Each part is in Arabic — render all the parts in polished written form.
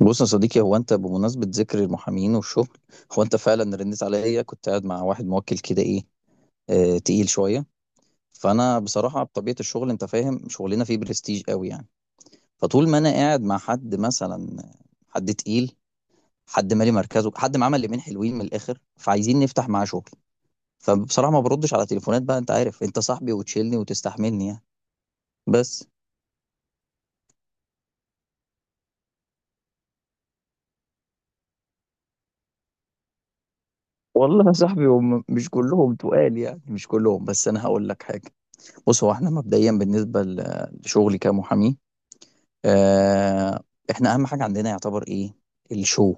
بص يا صديقي، هو انت بمناسبة ذكر المحامين والشغل، هو انت فعلا رنيت عليا؟ كنت قاعد مع واحد موكل كده، ايه، اه تقيل شوية. فانا بصراحة بطبيعة الشغل، انت فاهم شغلنا فيه برستيج قوي يعني. فطول ما انا قاعد مع حد مثلا، حد تقيل، حد مالي مركزه، حد معاه مليمين حلوين من الاخر فعايزين نفتح معاه شغل، فبصراحة ما بردش على تليفونات بقى. انت عارف انت صاحبي وتشيلني وتستحملني يعني، بس. والله يا صاحبي، هم مش كلهم تقال يعني، مش كلهم، بس انا هقول لك حاجة. بص، هو احنا مبدئيا بالنسبه لشغلي كمحامي، آه، احنا اهم حاجه عندنا يعتبر ايه؟ الشو.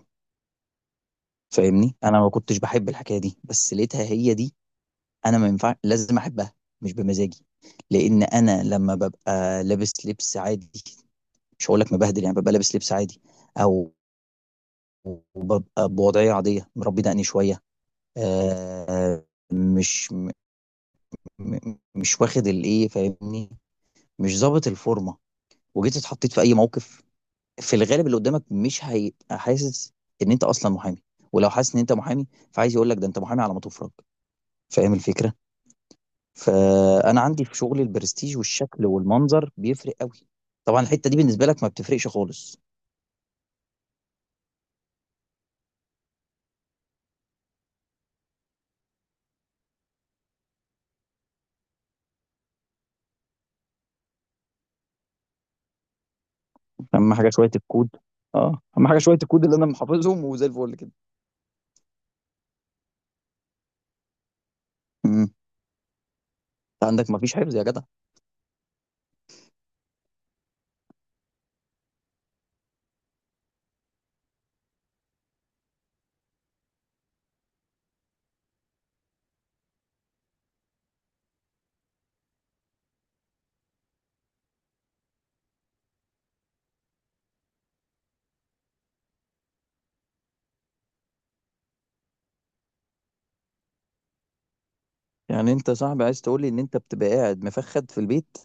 فاهمني، انا ما كنتش بحب الحكايه دي بس لقيتها هي دي، انا ما ينفع لازم احبها، مش بمزاجي. لان انا لما ببقى لابس لبس عادي، مش هقول لك مبهدل يعني، ببقى لابس لبس عادي، او ببقى بوضعيه عاديه، مربي دقني شويه، آه، مش م- م- مش واخد الايه، فاهمني، مش ظابط الفورمه. وجيت اتحطيت في اي موقف، في الغالب اللي قدامك مش هيبقى حاسس ان انت اصلا محامي، ولو حاسس ان انت محامي فعايز يقول لك ده انت محامي على ما تفرج. فاهم الفكره؟ فانا عندي في شغلي البرستيج والشكل والمنظر بيفرق قوي. طبعا الحته دي بالنسبه لك ما بتفرقش خالص. اهم حاجه شويه الكود. اه، اهم حاجه شويه الكود اللي انا محافظهم وزي الفل كده. امم، انت عندك ما فيش حفظ يا جدع؟ يعني انت صاحبي عايز تقول لي ان انت بتبقى قاعد مفخد في البيت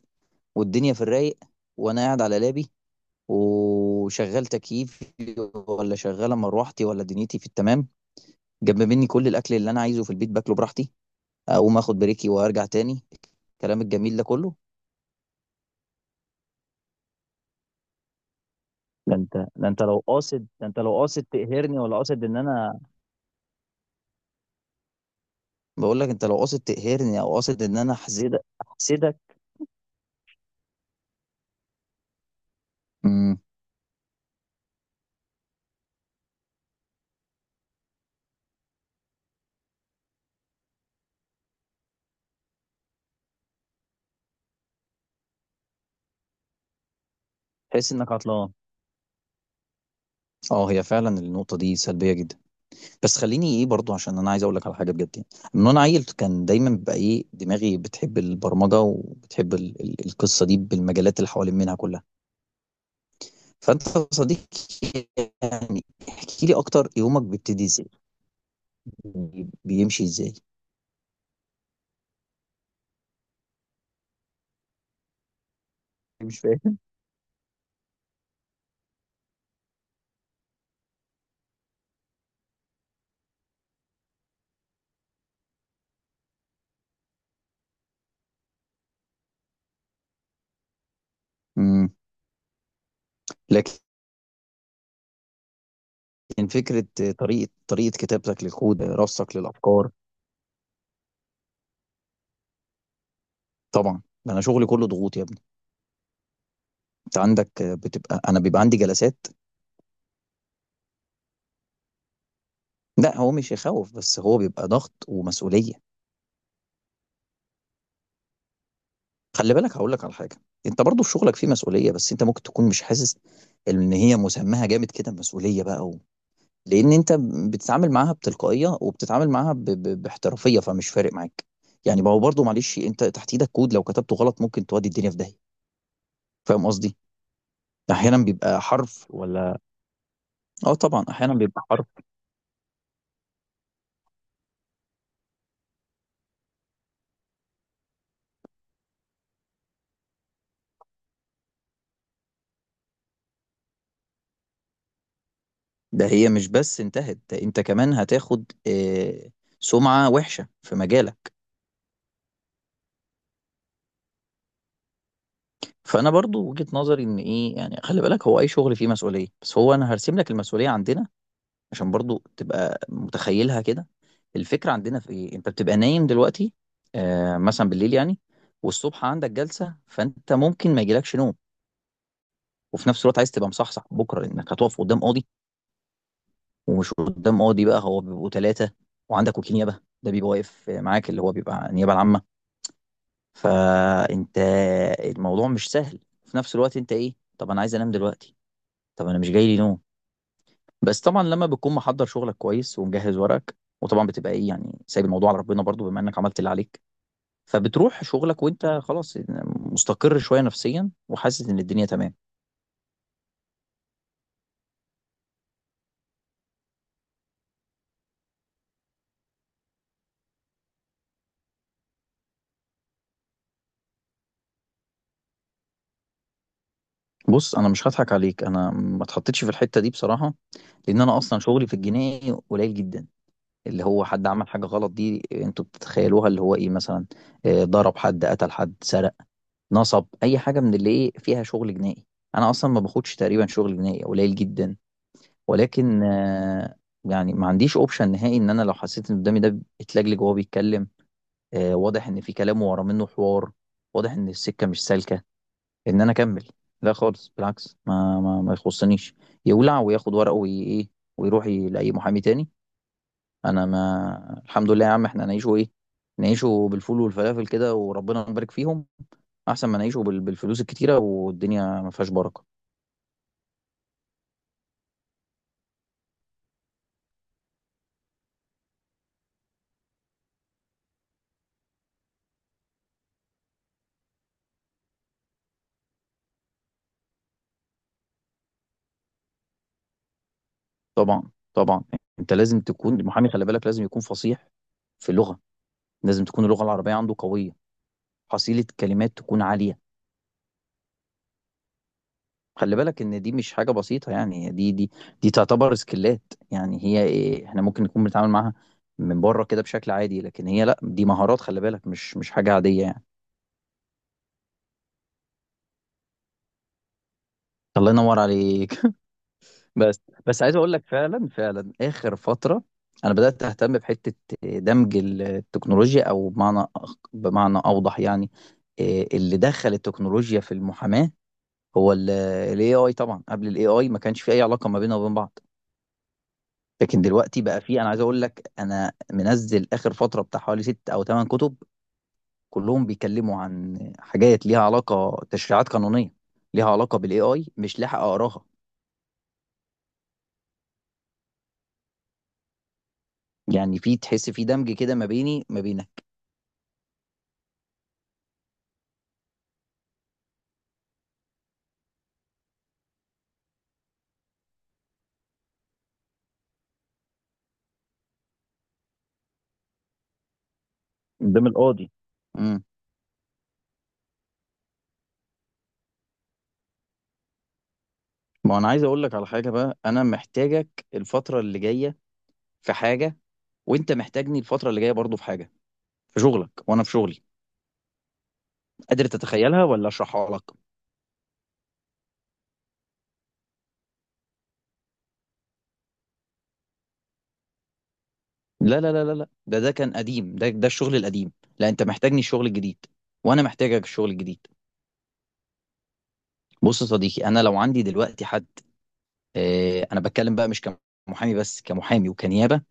والدنيا في الرايق، وانا قاعد على لابي، وشغال تكييفي ولا شغاله مروحتي، ولا دنيتي في التمام، جنب مني كل الاكل اللي انا عايزه في البيت باكله براحتي، اقوم اخد بريكي وارجع تاني، الكلام الجميل ده كله. ده انت لو قاصد تقهرني، ولا قاصد ان انا، بقول لك انت لو قاصد تقهرني او قاصد ان انا احسدك، احسدك. امم. تحس انك عطلان؟ اه، هي فعلا النقطه دي سلبيه جدا. بس خليني برضو، عشان انا عايز اقول لك على حاجه بجد يعني. من وانا عيل كان دايما بقى دماغي بتحب البرمجه وبتحب ال القصه دي بالمجالات اللي حوالين منها كلها. فانت يا صديقي، يعني احكي لي اكتر، يومك بيبتدي ازاي؟ بيمشي ازاي؟ مش فاهم. امم. لكن فكره، طريقه كتابتك للكود، رصك للافكار. طبعا ده انا شغلي كله ضغوط يا ابني. انت عندك بتبقى، انا بيبقى عندي جلسات. لا هو مش يخوف، بس هو بيبقى ضغط ومسؤوليه. خلي بالك هقول لك على حاجه، انت برضو في شغلك فيه مسؤوليه بس انت ممكن تكون مش حاسس ان هي مسماها جامد كده، مسؤوليه بقى. و... لان انت بتتعامل معاها بتلقائيه وبتتعامل معاها باحترافيه، فمش فارق معاك. يعني ما هو برضو، معلش، انت تحت ايدك كود لو كتبته غلط ممكن تودي الدنيا في داهيه. فاهم قصدي؟ احيانا بيبقى حرف ولا. اه طبعا، احيانا بيبقى حرف. ده هي مش بس انتهت، ده انت كمان هتاخد سمعه وحشه في مجالك. فانا برضو وجهة نظري ان يعني، خلي بالك، هو اي شغل فيه مسؤوليه بس هو انا هرسم لك المسؤوليه عندنا، عشان برضو تبقى متخيلها كده. الفكره عندنا في انت بتبقى نايم دلوقتي، آه، مثلا بالليل يعني، والصبح عندك جلسه، فانت ممكن ما يجيلكش نوم. وفي نفس الوقت عايز تبقى مصحصح بكره لانك هتقف قدام قاضي، ومش قدام قاضي بقى، هو بيبقوا 3. وعندك وكيل نيابه ده بيبقى واقف معاك اللي هو بيبقى النيابه العامه. فانت، الموضوع مش سهل. في نفس الوقت انت طب انا عايز انام دلوقتي، طب انا مش جاي لي نوم. بس طبعا لما بتكون محضر شغلك كويس ومجهز ورقك، وطبعا بتبقى يعني سايب الموضوع على ربنا برضو بما انك عملت اللي عليك، فبتروح شغلك وانت خلاص مستقر شويه نفسيا وحاسس ان الدنيا تمام. بص انا مش هضحك عليك، انا ما اتحطيتش في الحته دي بصراحه، لان انا اصلا شغلي في الجنائي قليل جدا. اللي هو حد عمل حاجه غلط دي، انتوا بتتخيلوها اللي هو ايه مثلا، ضرب حد، قتل حد، سرق، نصب، اي حاجه من اللي فيها شغل جنائي. انا اصلا ما باخدش، تقريبا شغل جنائي قليل جدا. ولكن يعني ما عنديش اوبشن نهائي، ان انا لو حسيت ان قدامي ده اتلجلج وهو بيتكلم، واضح ان في كلام ورا منه حوار، واضح ان السكه مش سالكه، ان انا اكمل، لا خالص بالعكس، ما يخصنيش، يولع وياخد ورقه وايه، ويروح لاي محامي تاني. انا ما الحمد لله يا عم، احنا نعيشه نعيشه بالفول والفلافل كده وربنا يبارك فيهم، احسن ما نعيشه بالفلوس الكتيره والدنيا ما فيهاش بركه. طبعا، طبعا. انت لازم تكون المحامي، خلي بالك، لازم يكون فصيح في اللغه، لازم تكون اللغة العربية عنده قوية، حصيلة كلمات تكون عالية. خلي بالك ان دي مش حاجة بسيطة يعني، دي دي تعتبر سكيلات. يعني هي إيه، احنا ممكن نكون بنتعامل معاها من بره كده بشكل عادي، لكن هي لا، دي مهارات، خلي بالك، مش حاجة عادية يعني. الله ينور عليك. بس، بس عايز اقول لك فعلا، فعلا اخر فترة انا بدأت اهتم بحتة دمج التكنولوجيا، او بمعنى بمعنى اوضح يعني، اللي دخل التكنولوجيا في المحاماة هو الاي اي. طبعا قبل الاي اي ما كانش في اي علاقه ما بيننا وبين بعض، لكن دلوقتي بقى في، انا عايز اقول لك، انا منزل اخر فتره بتاع حوالي 6 أو 8 كتب، كلهم بيتكلموا عن حاجات ليها علاقه تشريعات قانونيه، ليها علاقه بالاي اي، مش لاحق اقراها. يعني في، تحس في دمج كده ما بيني ما بينك. قدام القاضي. امم. ما انا عايز اقول لك على حاجه بقى، انا محتاجك الفتره اللي جايه في حاجه، وانت محتاجني الفتره اللي جايه برضو في حاجه، في شغلك وانا في شغلي. قادر تتخيلها ولا اشرحها لك؟ لا لا لا لا لا، ده كان قديم، ده الشغل القديم. لا، انت محتاجني الشغل الجديد، وانا محتاجك الشغل الجديد. بص يا صديقي، انا لو عندي دلوقتي حد، اه انا بتكلم بقى، مش كمحامي بس، كمحامي وكنيابه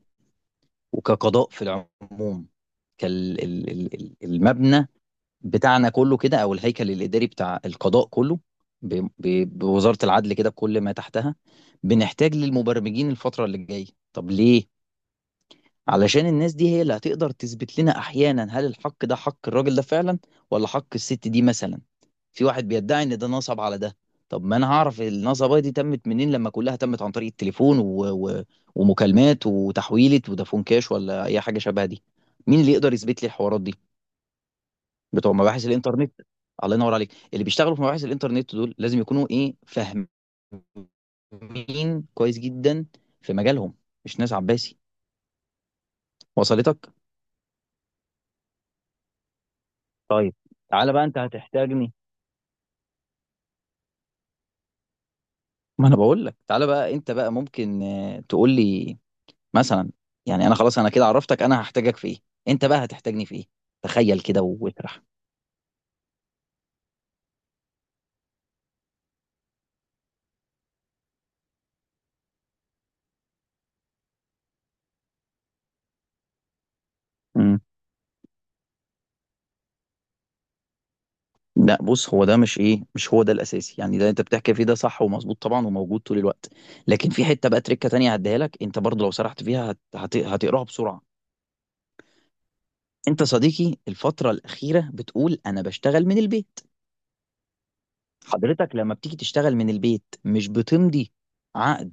وكقضاء في العموم، كال المبنى بتاعنا كله كده، او الهيكل الاداري بتاع القضاء كله، بوزاره العدل كده، بكل ما تحتها. بنحتاج للمبرمجين الفتره اللي جايه. طب ليه؟ علشان الناس دي هي اللي هتقدر تثبت لنا احيانا هل الحق ده حق الراجل ده فعلا، ولا حق الست دي مثلا. في واحد بيدعي ان ده نصب على ده، طب ما انا هعرف النصبه دي تمت منين لما كلها تمت عن طريق التليفون و... ومكالمات وتحويلة ودافون كاش ولا اي حاجه شبه دي؟ مين اللي يقدر يثبت لي الحوارات دي؟ بتوع مباحث الانترنت. الله ينور عليك. اللي بيشتغلوا في مباحث الانترنت دول لازم يكونوا فاهمين كويس جدا في مجالهم، مش ناس عباسي. وصلتك؟ طيب. تعالى بقى، انت هتحتاجني. ما انا بقول لك تعالى بقى، انت بقى ممكن تقول لي مثلا، يعني انا خلاص انا كده عرفتك انا هحتاجك في ايه، انت بقى هتحتاجني في ايه؟ تخيل كده واطرح. امم. لا بص، هو ده مش مش هو ده الاساسي يعني، ده انت بتحكي فيه، ده صح ومظبوط طبعا وموجود طول الوقت. لكن في حته بقى تريكه تانية هديها لك انت برضه، لو سرحت فيها هتقراها بسرعه. انت صديقي الفتره الاخيره بتقول انا بشتغل من البيت. حضرتك لما بتيجي تشتغل من البيت مش بتمضي عقد،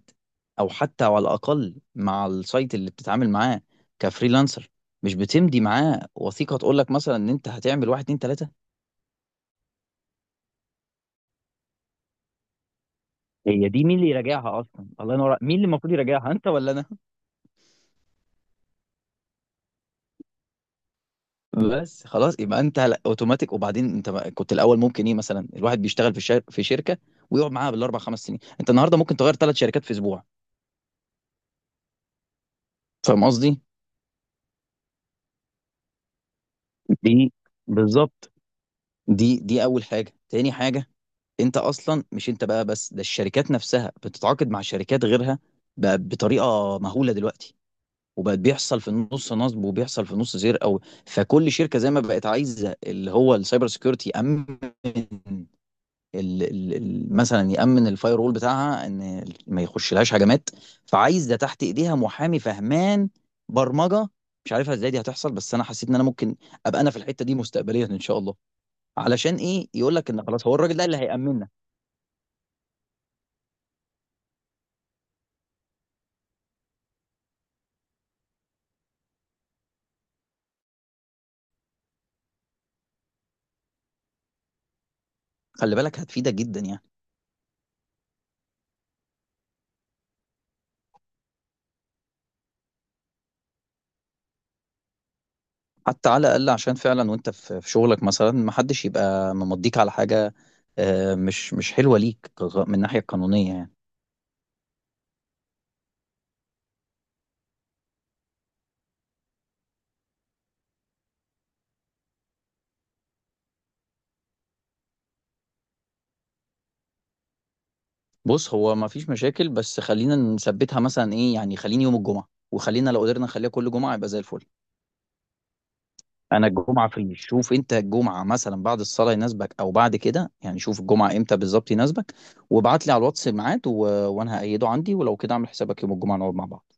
او حتى على الاقل مع السايت اللي بتتعامل معاه كفريلانسر، مش بتمضي معاه وثيقه تقول لك مثلا ان انت هتعمل واحد اتنين تلاته؟ هي دي مين اللي يراجعها اصلا؟ الله ينور عليك. مين اللي المفروض يراجعها، انت ولا انا؟ بس خلاص، يبقى انت، لا، اوتوماتيك. وبعدين انت كنت الاول ممكن مثلا الواحد بيشتغل في في شركه ويقعد معاها بالـ 4، 5 سنين، انت النهارده ممكن تغير 3 شركات في اسبوع. فاهم قصدي؟ دي بالظبط، دي اول حاجه. تاني حاجه، انت اصلا، مش انت بقى بس، ده الشركات نفسها بتتعاقد مع شركات غيرها بقى بطريقه مهوله دلوقتي. وبقت بيحصل في النص نصب وبيحصل في النص سرقه. فكل شركه زي ما بقت عايزه اللي هو السايبر سيكيورتي يامن مثلا يامن الفاير وول بتاعها ان ما يخش لهاش هجمات. فعايز ده تحت ايديها محامي فهمان برمجه. مش عارفها ازاي دي هتحصل، بس انا حسيت ان انا ممكن ابقى انا في الحته دي مستقبليا ان شاء الله، علشان يقول لك ان خلاص هو الراجل ده اللي هيامننا. خلي بالك هتفيدك جدا يعني. حتى على الاقل عشان فعلا، وانت في شغلك مثلا، ما حدش يبقى ممضيك على حاجه مش مش حلوه ليك من الناحيه القانونيه يعني. بص هو ما فيش مشاكل، بس خلينا نثبتها مثلا ايه يعني، خليني يوم الجمعه، وخلينا لو قدرنا نخليها كل جمعه يبقى زي الفل. انا الجمعه في، شوف انت الجمعه مثلا بعد الصلاه يناسبك او بعد كده يعني، شوف الجمعه امتى بالظبط يناسبك وابعت لي على الواتس ميعاد، و... وانا هأيده عندي ولو كده اعمل حسابك يوم الجمعه نقعد مع بعض.